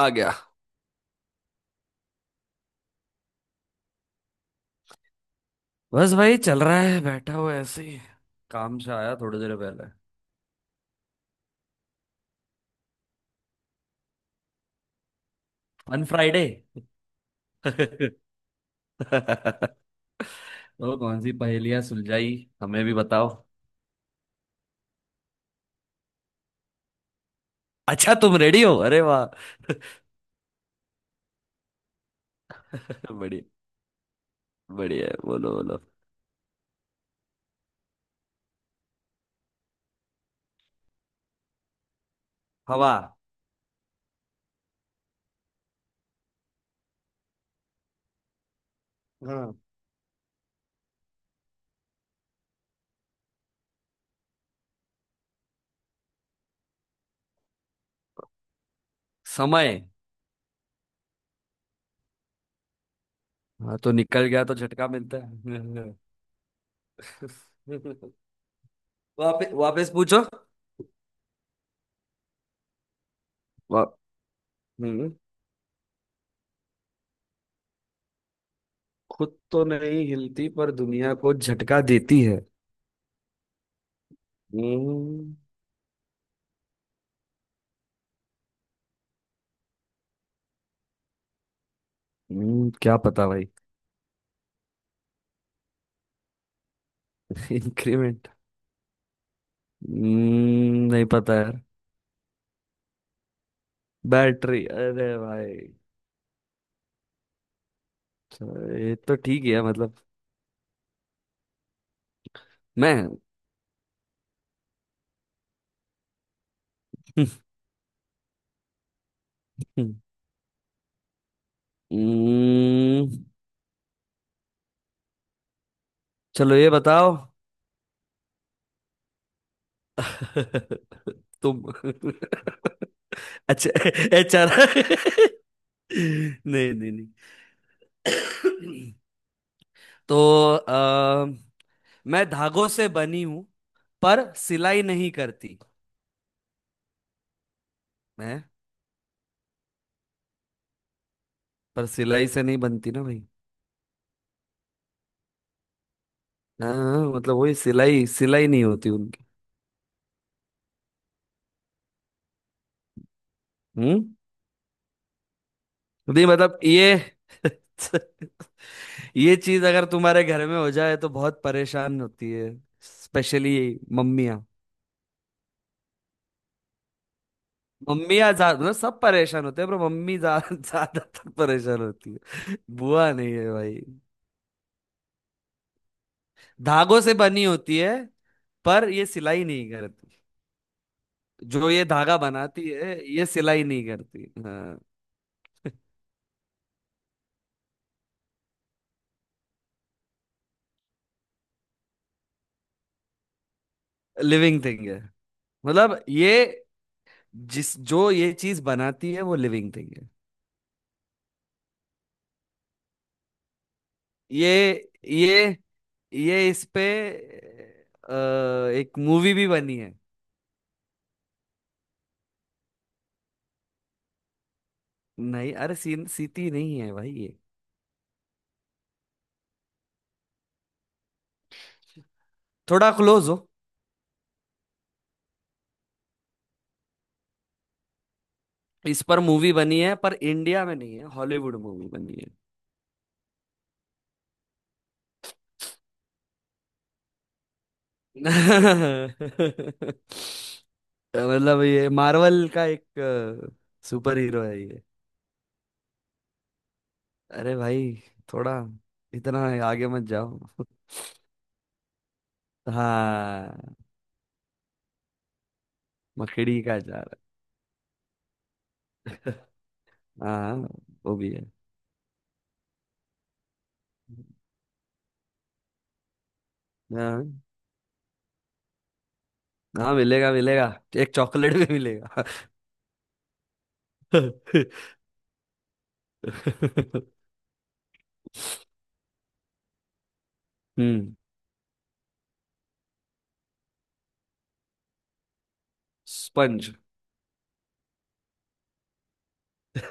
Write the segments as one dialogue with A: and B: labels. A: आ गया। बस भाई चल रहा है, बैठा हुआ ऐसे ही। काम से आया थोड़ी देर पहले। On Friday. तो कौन सी पहेलियां सुलझाई, हमें भी बताओ। अच्छा तुम रेडी हो? अरे वाह। बढ़िया। बढ़िया है, बोलो बोलो हवा। हाँ, समय। हाँ तो निकल गया तो झटका मिलता है। वापस वापस पूछो। वा, हम्म, खुद तो नहीं हिलती पर दुनिया को झटका देती है। हम्म क्या पता भाई। इंक्रीमेंट। नहीं पता यार। बैटरी? अरे भाई, चलो, ये तो ठीक ही है मतलब। मैं। हम्म, चलो ये बताओ। तुम। अच्छा। एचआर। नहीं नहीं नहीं। तो आ, मैं धागों से बनी हूं, पर सिलाई नहीं करती। मैं पर सिलाई से नहीं बनती ना भाई। हाँ हाँ, मतलब वही सिलाई, सिलाई नहीं होती उनकी। हम्म? नहीं मतलब ये। ये चीज अगर तुम्हारे घर में हो जाए तो बहुत परेशान होती है, स्पेशली मम्मियाँ। मम्मियाँ ज्यादा, मतलब सब परेशान होते हैं पर मम्मी ज्यादातर परेशान होती है। बुआ नहीं है भाई, धागों से बनी होती है पर ये सिलाई नहीं करती। जो ये धागा बनाती है ये सिलाई नहीं करती। हाँ। लिविंग थिंग है। मतलब ये, जिस जो ये चीज बनाती है वो लिविंग थिंग है। ये ये ये इस पे अ, एक मूवी भी बनी है। नहीं अरे सीन सीटी नहीं है भाई ये। थोड़ा क्लोज हो। इस पर मूवी बनी है पर इंडिया में नहीं है, हॉलीवुड मूवी बनी है। मतलब ये मार्वल का एक सुपर हीरो है ये। अरे भाई, थोड़ा, इतना आगे मत जाओ। हाँ, मकड़ी का जा रहा। हाँ वो भी है। हाँ, हाँ मिलेगा मिलेगा। एक चॉकलेट भी मिलेगा। हम्म। स्पंज।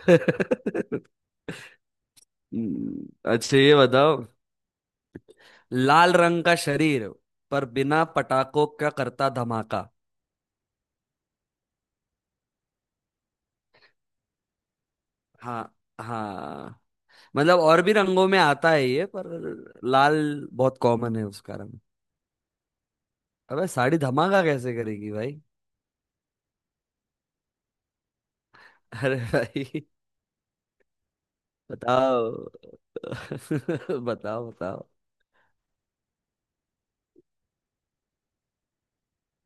A: हम्म, अच्छा ये बताओ। लाल रंग का शरीर, पर बिना पटाखों का करता धमाका। हाँ। हाँ, मतलब और भी रंगों में आता है ये, पर लाल बहुत कॉमन है उसका रंग। अबे साड़ी धमाका कैसे करेगी भाई। अरे भाई, बताओ। बताओ बताओ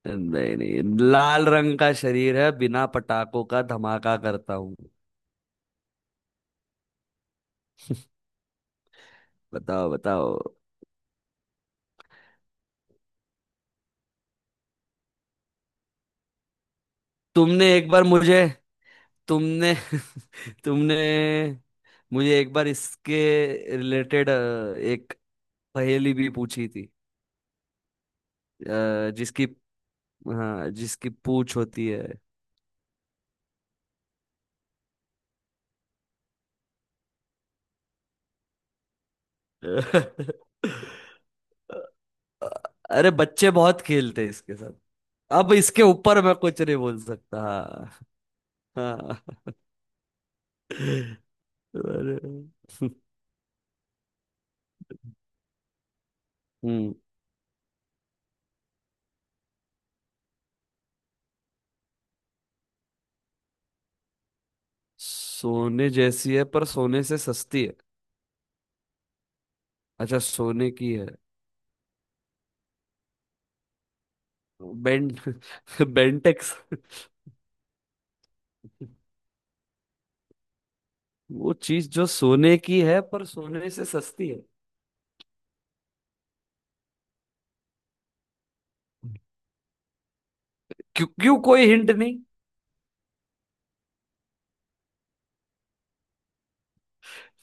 A: नहीं नहीं, लाल रंग का शरीर है, बिना पटाखों का धमाका करता हूँ। बताओ बताओ तुमने एक बार मुझे तुमने तुमने मुझे एक बार इसके रिलेटेड एक पहेली भी पूछी थी। जिसकी, हाँ जिसकी पूछ होती है। अरे बच्चे बहुत खेलते हैं इसके साथ। अब इसके ऊपर मैं कुछ नहीं बोल सकता। हाँ। हाँ। अरे। हम्म। सोने जैसी है पर सोने से सस्ती है? अच्छा सोने की है। बेंट। बेंटेक्स। वो चीज जो सोने की है पर सोने से सस्ती है। क्यों क्यों कोई हिंट नहीं?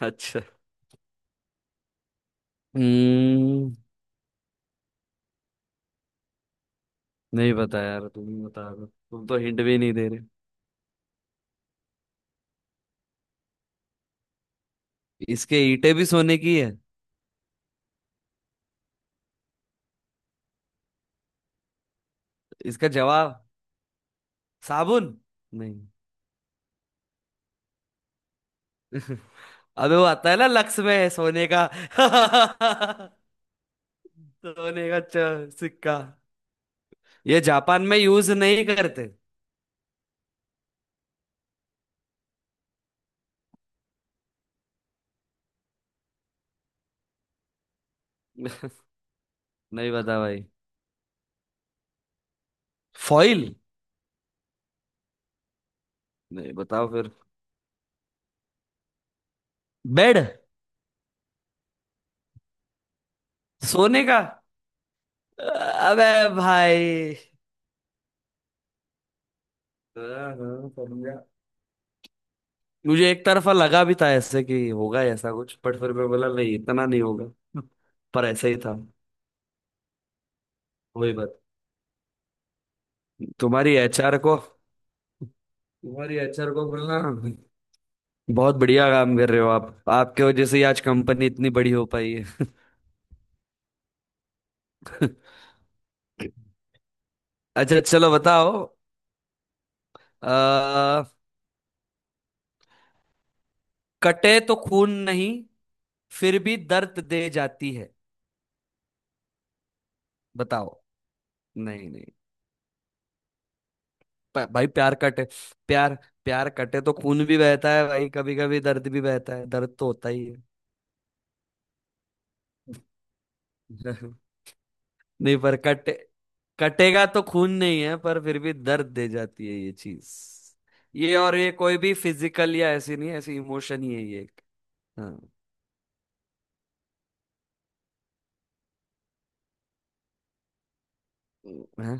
A: अच्छा। हम्म। नहीं बता यार, तुम ही बता दो, तुम तो हिंट भी नहीं दे रहे। इसके ईंटें भी सोने की है? इसका जवाब साबुन। नहीं। अबे वो आता है ना लक्स में सोने का। सोने का सिक्का। ये जापान में यूज नहीं करते? नहीं बता भाई। फॉइल। नहीं बताओ फिर। बेड? सोने का। अबे भाई। हाँ, हाँ, समझा। मुझे एक तरफा लगा भी था ऐसे कि होगा ऐसा कुछ, बट फिर मैं बोला नहीं इतना नहीं होगा। पर ऐसा ही था। वही बात। तुम्हारी एचआर को, तुम्हारी एचआर को बोलना, बहुत बढ़िया काम कर रहे हो आप, आपके वजह से ही आज कंपनी इतनी बड़ी हो पाई है। अच्छा चलो बताओ। कटे तो खून नहीं, फिर भी दर्द दे जाती है। बताओ। नहीं नहीं। भाई प्यार कटे, प्यार, प्यार कटे तो खून भी बहता है भाई, कभी कभी दर्द भी बहता है, दर्द तो होता ही है। नहीं पर कटे, कटेगा तो खून नहीं है, पर फिर भी दर्द दे जाती है ये चीज। ये, और ये कोई भी फिजिकल या ऐसी नहीं है, ऐसी इमोशन ही है ये एक। हाँ। हैं?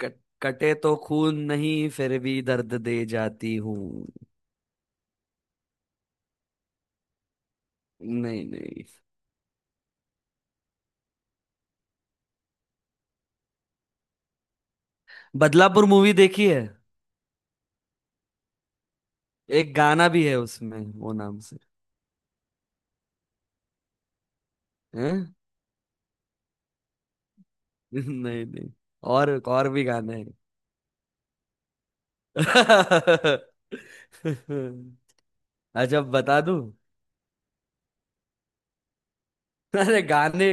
A: कटे तो खून नहीं, फिर भी दर्द दे जाती हूँ। नहीं नहीं। बदलापुर मूवी देखी है? एक गाना भी है उसमें वो नाम से। हैं? नहीं नहीं। और और भी गाने हैं। अच्छा बता दूं। अरे गाने,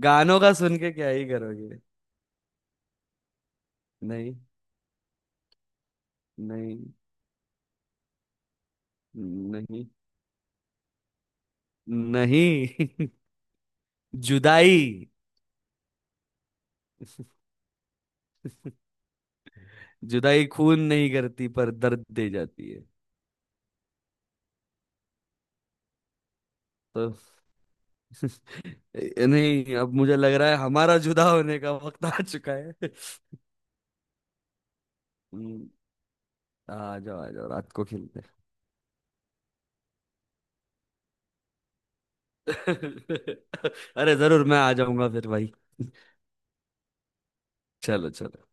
A: गानों का सुन के क्या ही करोगे। नहीं। नहीं। नहीं। नहीं। जुदाई। जुदाई खून नहीं करती पर दर्द दे जाती है। तो नहीं, अब मुझे लग रहा है हमारा जुदा होने का वक्त आ चुका है। आ जाओ आ जाओ, रात को खेलते हैं। अरे जरूर, मैं आ जाऊंगा फिर भाई। चलो चलो।